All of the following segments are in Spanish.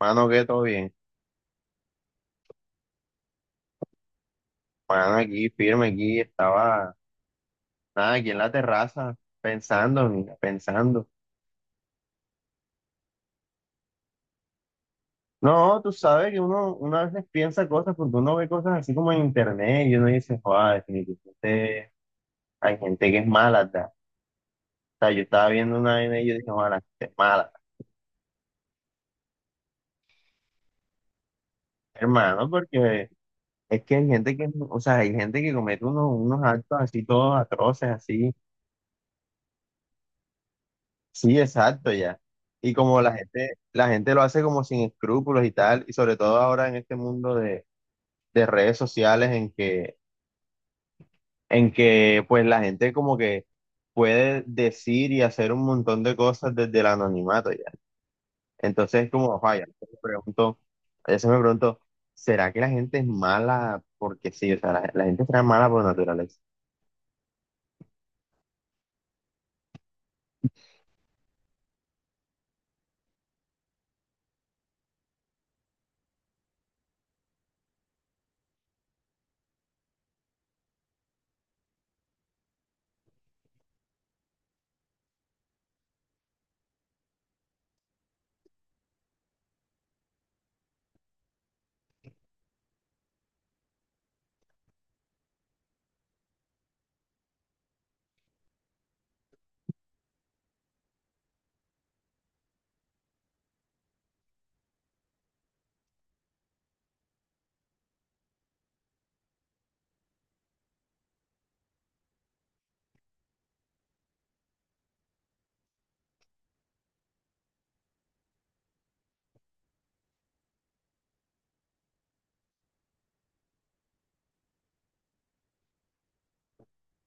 Mano, que todo bien. Mano, aquí firme, aquí estaba, nada, aquí en la terraza, pensando, mira, pensando. No, tú sabes que uno a veces piensa cosas porque uno ve cosas así como en internet y uno dice, joder, definitivamente hay gente que es mala, ¿verdad? O sea, yo estaba viendo una vaina y yo dije, joder, la gente es mala, hermano, porque es que hay gente que, o sea, hay gente que comete unos actos así todos atroces, así. Sí, exacto, ya. Y como la gente lo hace como sin escrúpulos y tal, y sobre todo ahora en este mundo de redes sociales en que pues la gente como que puede decir y hacer un montón de cosas desde el anonimato ya. Entonces como, vaya, a veces me pregunto, ¿será que la gente es mala porque sí? O sea, la gente será mala por naturaleza.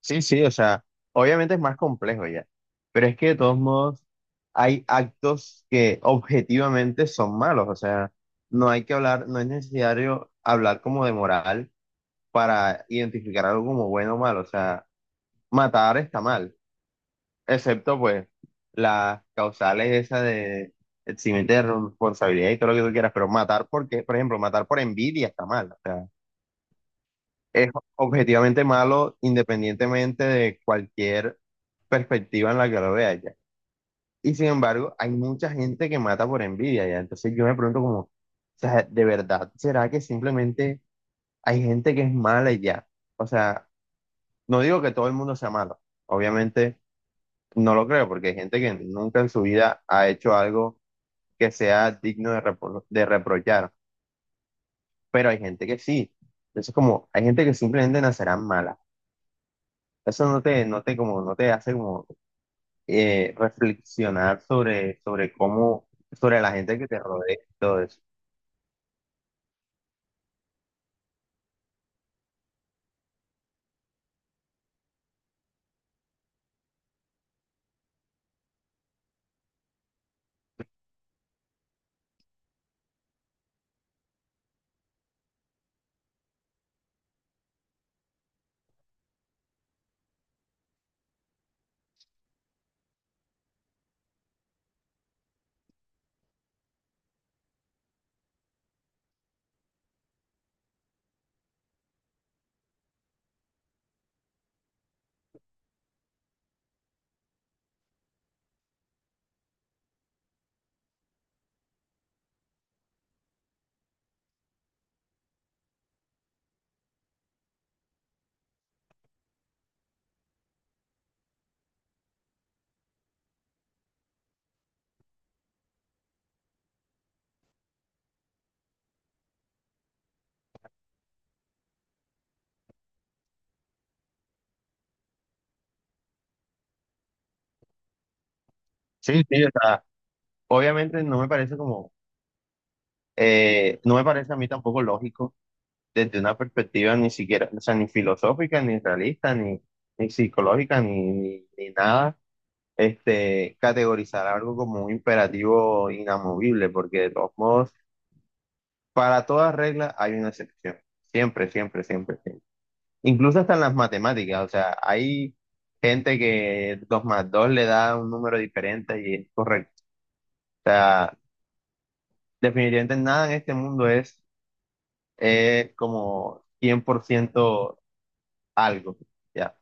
Sí, sí, o sea, obviamente es más complejo ya, pero es que de todos modos hay actos que objetivamente son malos, o sea, no es necesario hablar como de moral para identificar algo como bueno o malo, o sea, matar está mal, excepto pues las causales esas de eximiente de responsabilidad y todo lo que tú quieras, pero matar por envidia está mal, o sea es objetivamente malo independientemente de cualquier perspectiva en la que lo veas ya. Y sin embargo, hay mucha gente que mata por envidia ya. Entonces yo me pregunto como, o sea, ¿de verdad será que simplemente hay gente que es mala y ya? O sea, no digo que todo el mundo sea malo. Obviamente no lo creo porque hay gente que nunca en su vida ha hecho algo que sea digno de, de reprochar. Pero hay gente que sí. Entonces como, hay gente que simplemente nacerá mala. Eso no te hace como reflexionar sobre, sobre cómo, sobre la gente que te rodea y todo eso. Sí, sí, o sea, obviamente no me parece como, no me parece a mí tampoco lógico desde una perspectiva ni siquiera, o sea, ni filosófica, ni realista, ni psicológica, ni nada, este, categorizar algo como un imperativo inamovible, porque de todos modos, para toda regla hay una excepción. Siempre, siempre, siempre, siempre. Incluso hasta en las matemáticas, o sea, hay gente que 2 más 2 le da un número diferente y es correcto. O sea, definitivamente nada en este mundo es, como 100% algo, ¿ya?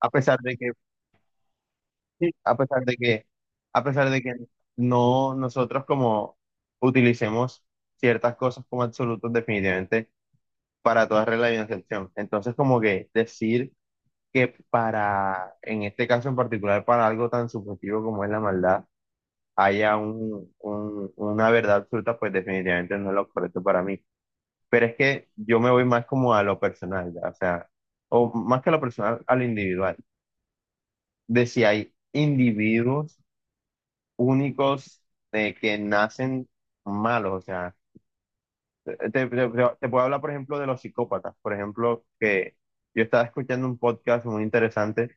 A pesar de que, sí, a pesar de que, a pesar de que no nosotros como utilicemos ciertas cosas como absolutos definitivamente para toda regla y una excepción. Entonces, como que decir que para, en este caso en particular, para algo tan subjetivo como es la maldad, haya una verdad absoluta, pues definitivamente no es lo correcto para mí. Pero es que yo me voy más como a lo personal, ya. O sea, o más que a lo personal, a lo individual. De si hay individuos únicos de que nacen malos, o sea, te, te, te- te puedo hablar, por ejemplo, de los psicópatas, por ejemplo, que yo estaba escuchando un podcast muy interesante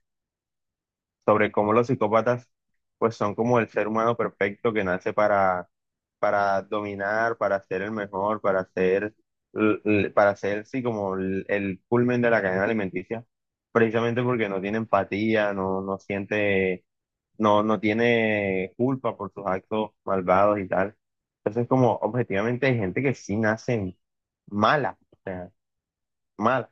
sobre cómo los psicópatas pues son como el ser humano perfecto que nace para dominar, para ser el mejor, para ser, para ser sí como el culmen de la cadena alimenticia, precisamente porque no tiene empatía, no siente, no tiene culpa por sus actos malvados y tal. Entonces como objetivamente hay gente que sí nace mala, o sea, mala.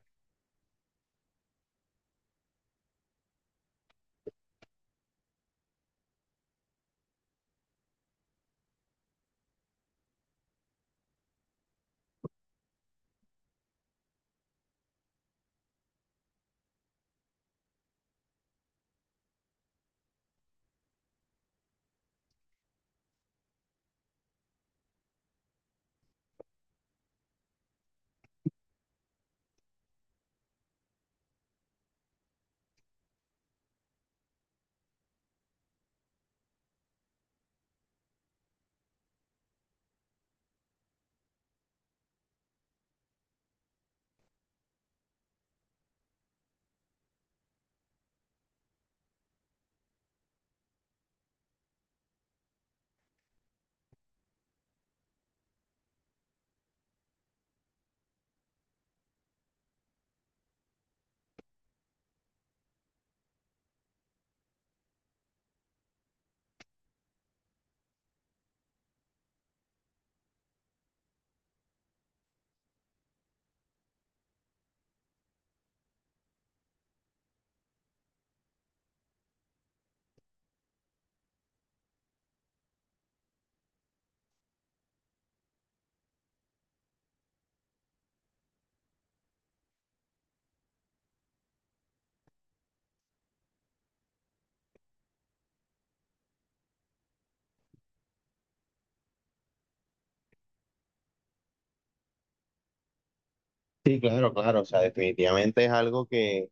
Sí, claro, claro, o sea, definitivamente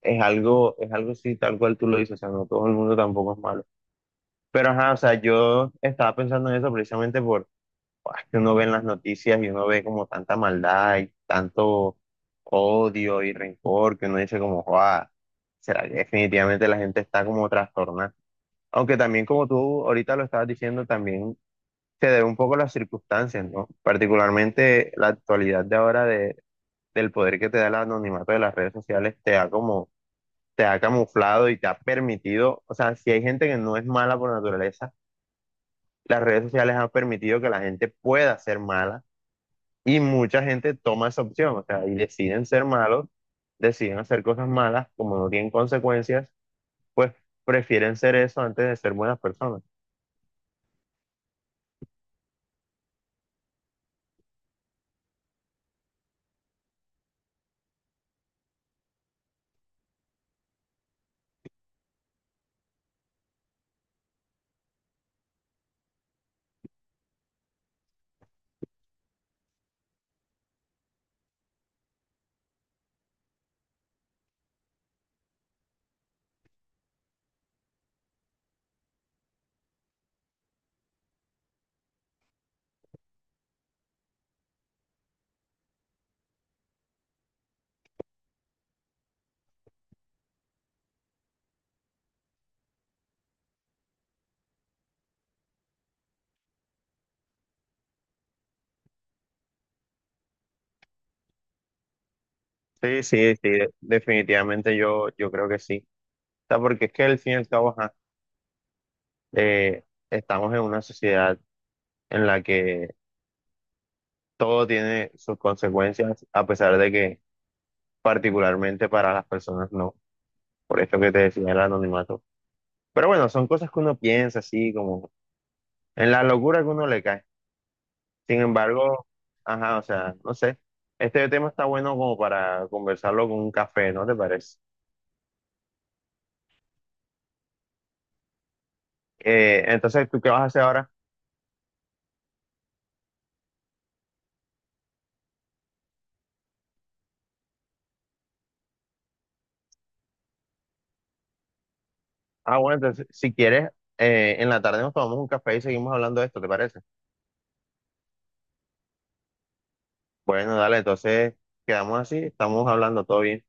es algo así, tal cual tú lo dices, o sea, no todo el mundo tampoco es malo. Pero ajá, o sea, yo estaba pensando en eso precisamente por, ah, que uno ve en las noticias y uno ve como tanta maldad y tanto odio y rencor que uno dice como, "Joa, será que definitivamente la gente está como trastornada. Aunque también como tú ahorita lo estabas diciendo, también se debe un poco a las circunstancias, ¿no? Particularmente la actualidad de ahora del poder que te da el anonimato de las redes sociales te da como te ha camuflado y te ha permitido, o sea, si hay gente que no es mala por naturaleza, las redes sociales han permitido que la gente pueda ser mala y mucha gente toma esa opción, o sea, y deciden ser malos, deciden hacer cosas malas, como no tienen consecuencias, pues prefieren ser eso antes de ser buenas personas. Sí, sí, sí, definitivamente yo creo que sí. O sea, porque es que al fin y al cabo, ajá, estamos en una sociedad en la que todo tiene sus consecuencias, a pesar de que particularmente para las personas no, por esto que te decía el anonimato. Pero bueno, son cosas que uno piensa así, como en la locura que uno le cae. Sin embargo, ajá, o sea, no sé, este tema está bueno como para conversarlo con un café, ¿no te parece? Entonces, ¿tú qué vas a hacer ahora? Ah, bueno, entonces, si quieres, en la tarde nos tomamos un café y seguimos hablando de esto, ¿te parece? Bueno, dale, entonces quedamos así, estamos hablando todo bien.